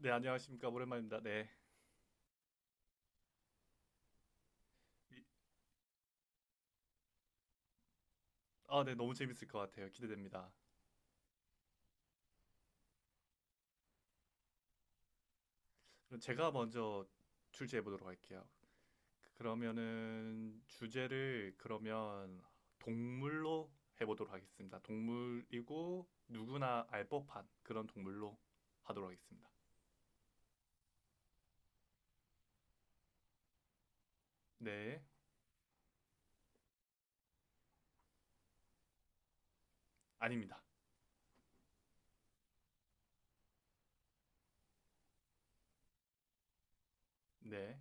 네, 안녕하십니까. 오랜만입니다. 네. 이- 아, 네, 너무 재밌을 것 같아요. 기대됩니다. 그럼 제가 먼저 출제해 보도록 할게요. 그러면은 주제를 그러면 동물로 해보도록 하겠습니다. 동물이고 누구나 알 법한 그런 동물로 하도록 하겠습니다. 네, 아닙니다. 네,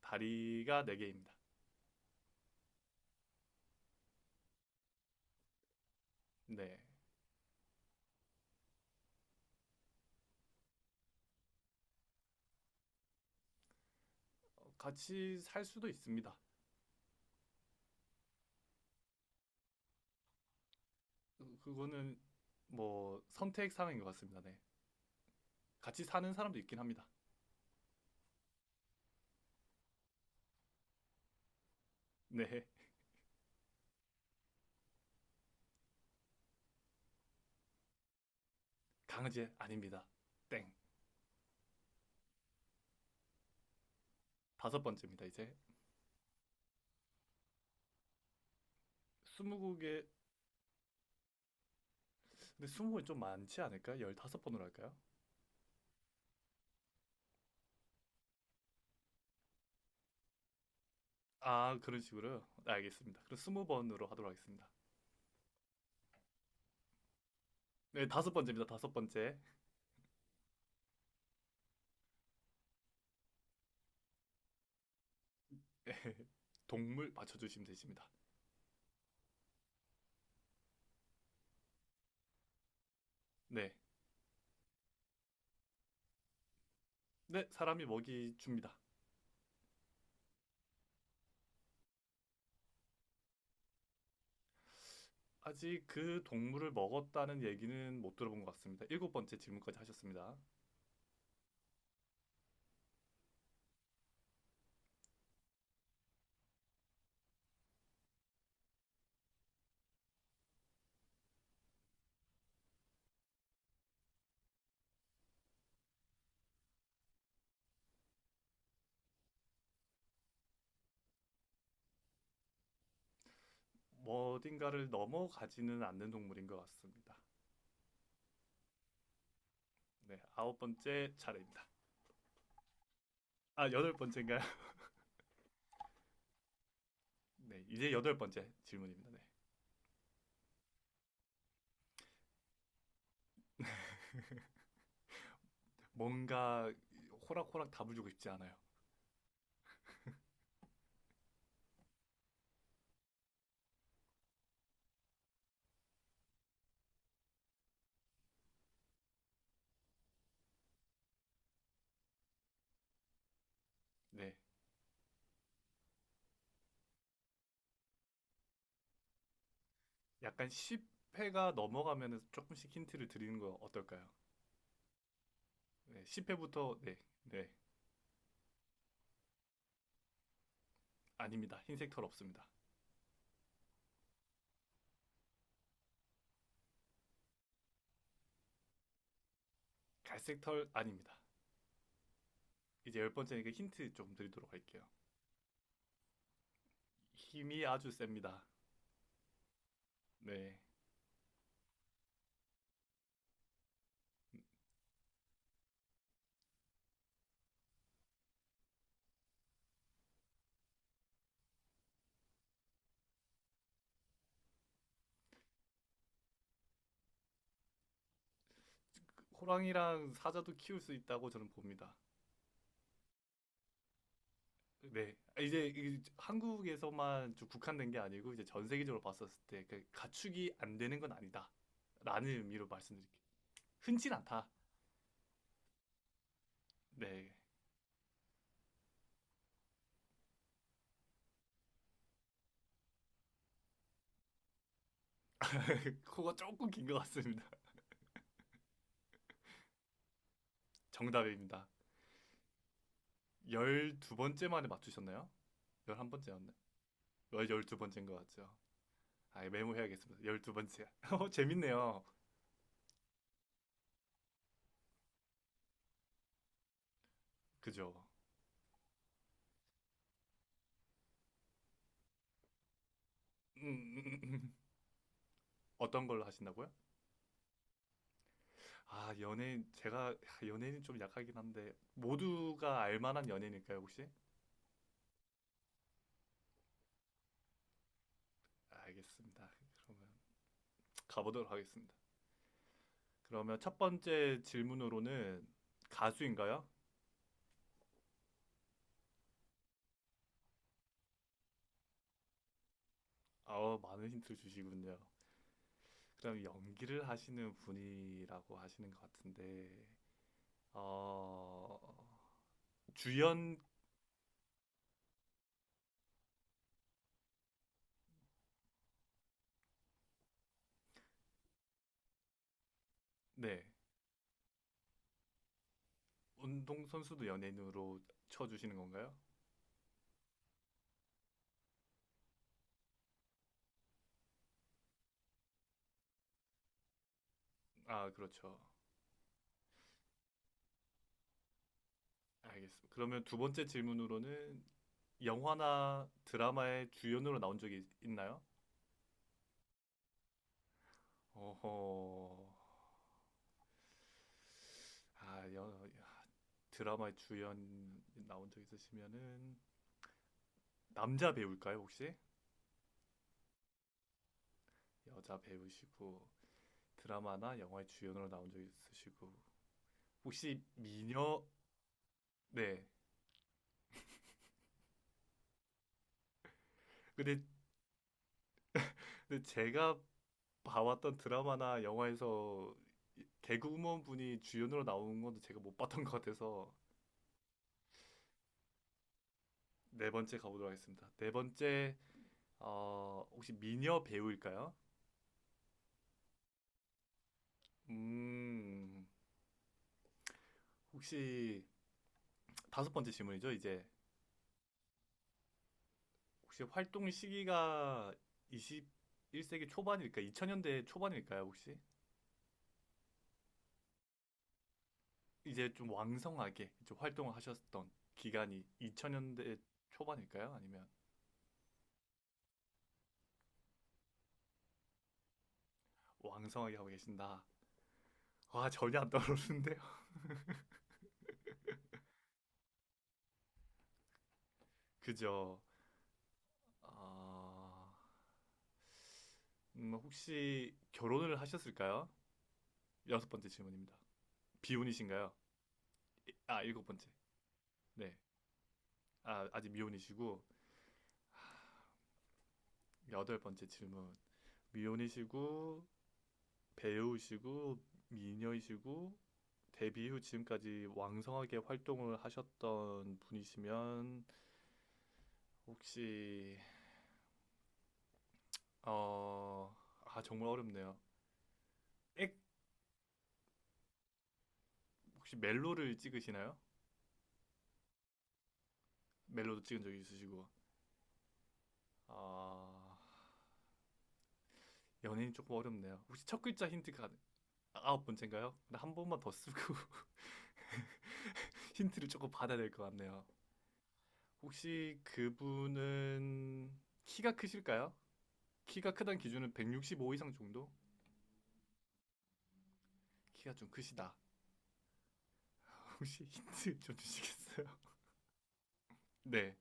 다리가 네개입니다. 네, 어, 같이 살 수도 있습니다. 그거는 뭐 선택 사항인 것 같습니다. 네, 같이 사는 사람도 있긴 합니다. 네. 강제 아닙니다. 땡. 다섯 번째입니다. 이제 스무곡개. 근데 스무는 좀 많지 않을까? 15번으로 할까요? 아, 그런 식으로 네, 알겠습니다. 그럼 20번으로 하도록 하겠습니다. 네, 다섯 번째입니다. 다섯 번째. 동물 맞춰주시면 되십니다. 네, 네, 사람이 먹이 줍니다. 아직 그 동물을 먹었다는 얘기는 못 들어본 것 같습니다. 일곱 번째 질문까지 하셨습니다. 뭐 어딘가를 넘어가지는 않는 동물인 것 같습니다. 네, 아홉 번째 차례입니다. 아, 여덟 번째인가요? 네, 이제 여덟 번째 질문입니다. 네. 뭔가 호락호락 답을 주고 싶지 않아요. 네. 약간 10회가 넘어가면 조금씩 힌트를 드리는 거 어떨까요? 네, 10회부터. 네, 네. 아닙니다. 흰색 털 없습니다. 갈색 털 아닙니다. 이제 10번째니까 힌트 좀 드리도록 할게요. 힘이 아주 셉니다. 네. 그 호랑이랑 사자도 키울 수 있다고 저는 봅니다. 네. 아, 이제 이 한국에서만 좀 국한된 게 아니고 이제 전 세계적으로 봤었을 때 그 가축이 안 되는 건 아니다라는 의미로 말씀드릴게요. 흔치 않다. 네. 코가 조금 긴것 같습니다. 정답입니다. 12번째 만에 맞추셨나요? 11번째였네. 12번째인 것 같죠. 아, 메모해야겠습니다. 12번째. 어, 재밌네요. 그죠? 음, 음. 어떤 걸로 하신다고요? 아, 연예인, 제가 연예인은 좀 약하긴 한데, 모두가 알 만한 연예인일까요, 혹시? 알겠습니다. 그러면 가보도록 하겠습니다. 그러면 첫 번째 질문으로는 가수인가요? 아, 많은 힌트를 주시군요. 그럼 연기를 하시는 분이라고 하시는 것 같은데, 어, 주연, 네, 운동선수도 연예인으로 쳐주시는 건가요? 아, 그렇죠. 알겠습니다. 그러면 두 번째 질문으로는 영화나 드라마의 주연으로 나온 적이 있나요? 어허. 아, 드라마에 주연 나온 적 있으시면은 남자 배우일까요, 혹시? 여자 배우시고 드라마나 영화의 주연으로 나온 적 있으시고 혹시 미녀? 네. 근데, 근데 제가 봐왔던 드라마나 영화에서 개그우먼 분이 주연으로 나오는 건 제가 못 봤던 것 같아서. 네 번째 가보도록 하겠습니다. 네 번째, 어, 혹시 미녀 배우일까요? 음, 혹시 다섯 번째 질문이죠, 이제. 혹시 활동 시기가 21세기 초반일까? 2000년대 초반일까요, 혹시? 이제 좀 왕성하게 좀 활동을 하셨던 기간이 2000년대 초반일까요? 아니면 왕성하게 하고 계신다? 와, 전혀 안 떠오르는데요. 그죠? 아, 혹시 결혼을 하셨을까요? 여섯 번째 질문입니다. 비혼이신가요? 아, 일곱 번째. 네. 아, 아직 미혼이시고, 여덟 번째 질문. 미혼이시고, 배우시고 미녀이시고 데뷔 후 지금까지 왕성하게 활동을 하셨던 분이시면 혹시, 어, 아, 정말 어렵네요. 액 혹시 멜로를 찍으시나요? 멜로도 찍은 적이 있으시고, 아, 연예인 조금 어렵네요. 혹시 첫 글자 힌트가 아홉 번째인가요? 근데 한 번만 더 쓰고 힌트를 조금 받아야 될 것 같네요. 혹시 그분은 키가 크실까요? 키가 크다는 기준은 165 이상 정도? 키가 좀 크시다. 혹시 힌트 좀 주시겠어요? 네,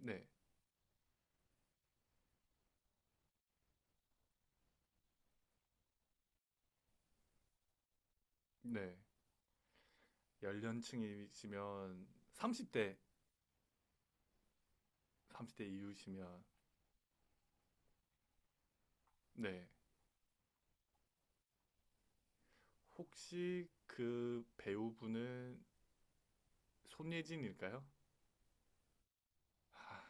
네, 네. 연령층이시면 30대, 30대 이후시면. 네. 혹시 그 배우분은 손예진일까요? 하,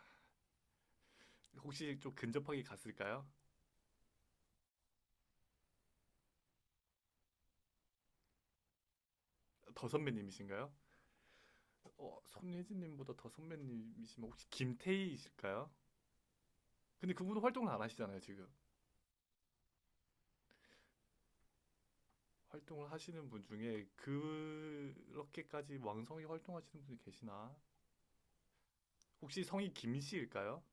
혹시 좀 근접하게 갔을까요? 더 선배님이신가요? 손예진님보다 더 선배님이시면 혹시 김태희이실까요? 근데 그분은 활동을 안 하시잖아요, 지금. 활동을 하시는 분 중에 그렇게까지 왕성히 활동하시는 분이 계시나? 혹시 성이 김씨일까요?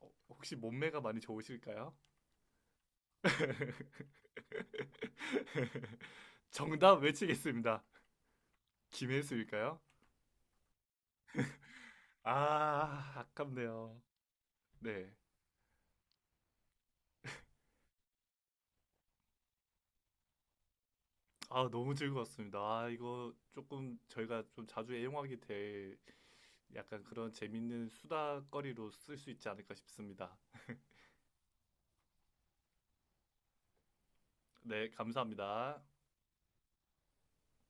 혹시 몸매가 많이 좋으실까요? 정답 외치겠습니다. 김혜수일까요? 아, 아깝네요. 네. 아, 너무 즐거웠습니다. 아, 이거 조금 저희가 좀 자주 애용하게 될 약간 그런 재밌는 수다거리로 쓸 수 있지 않을까 싶습니다. 네, 감사합니다.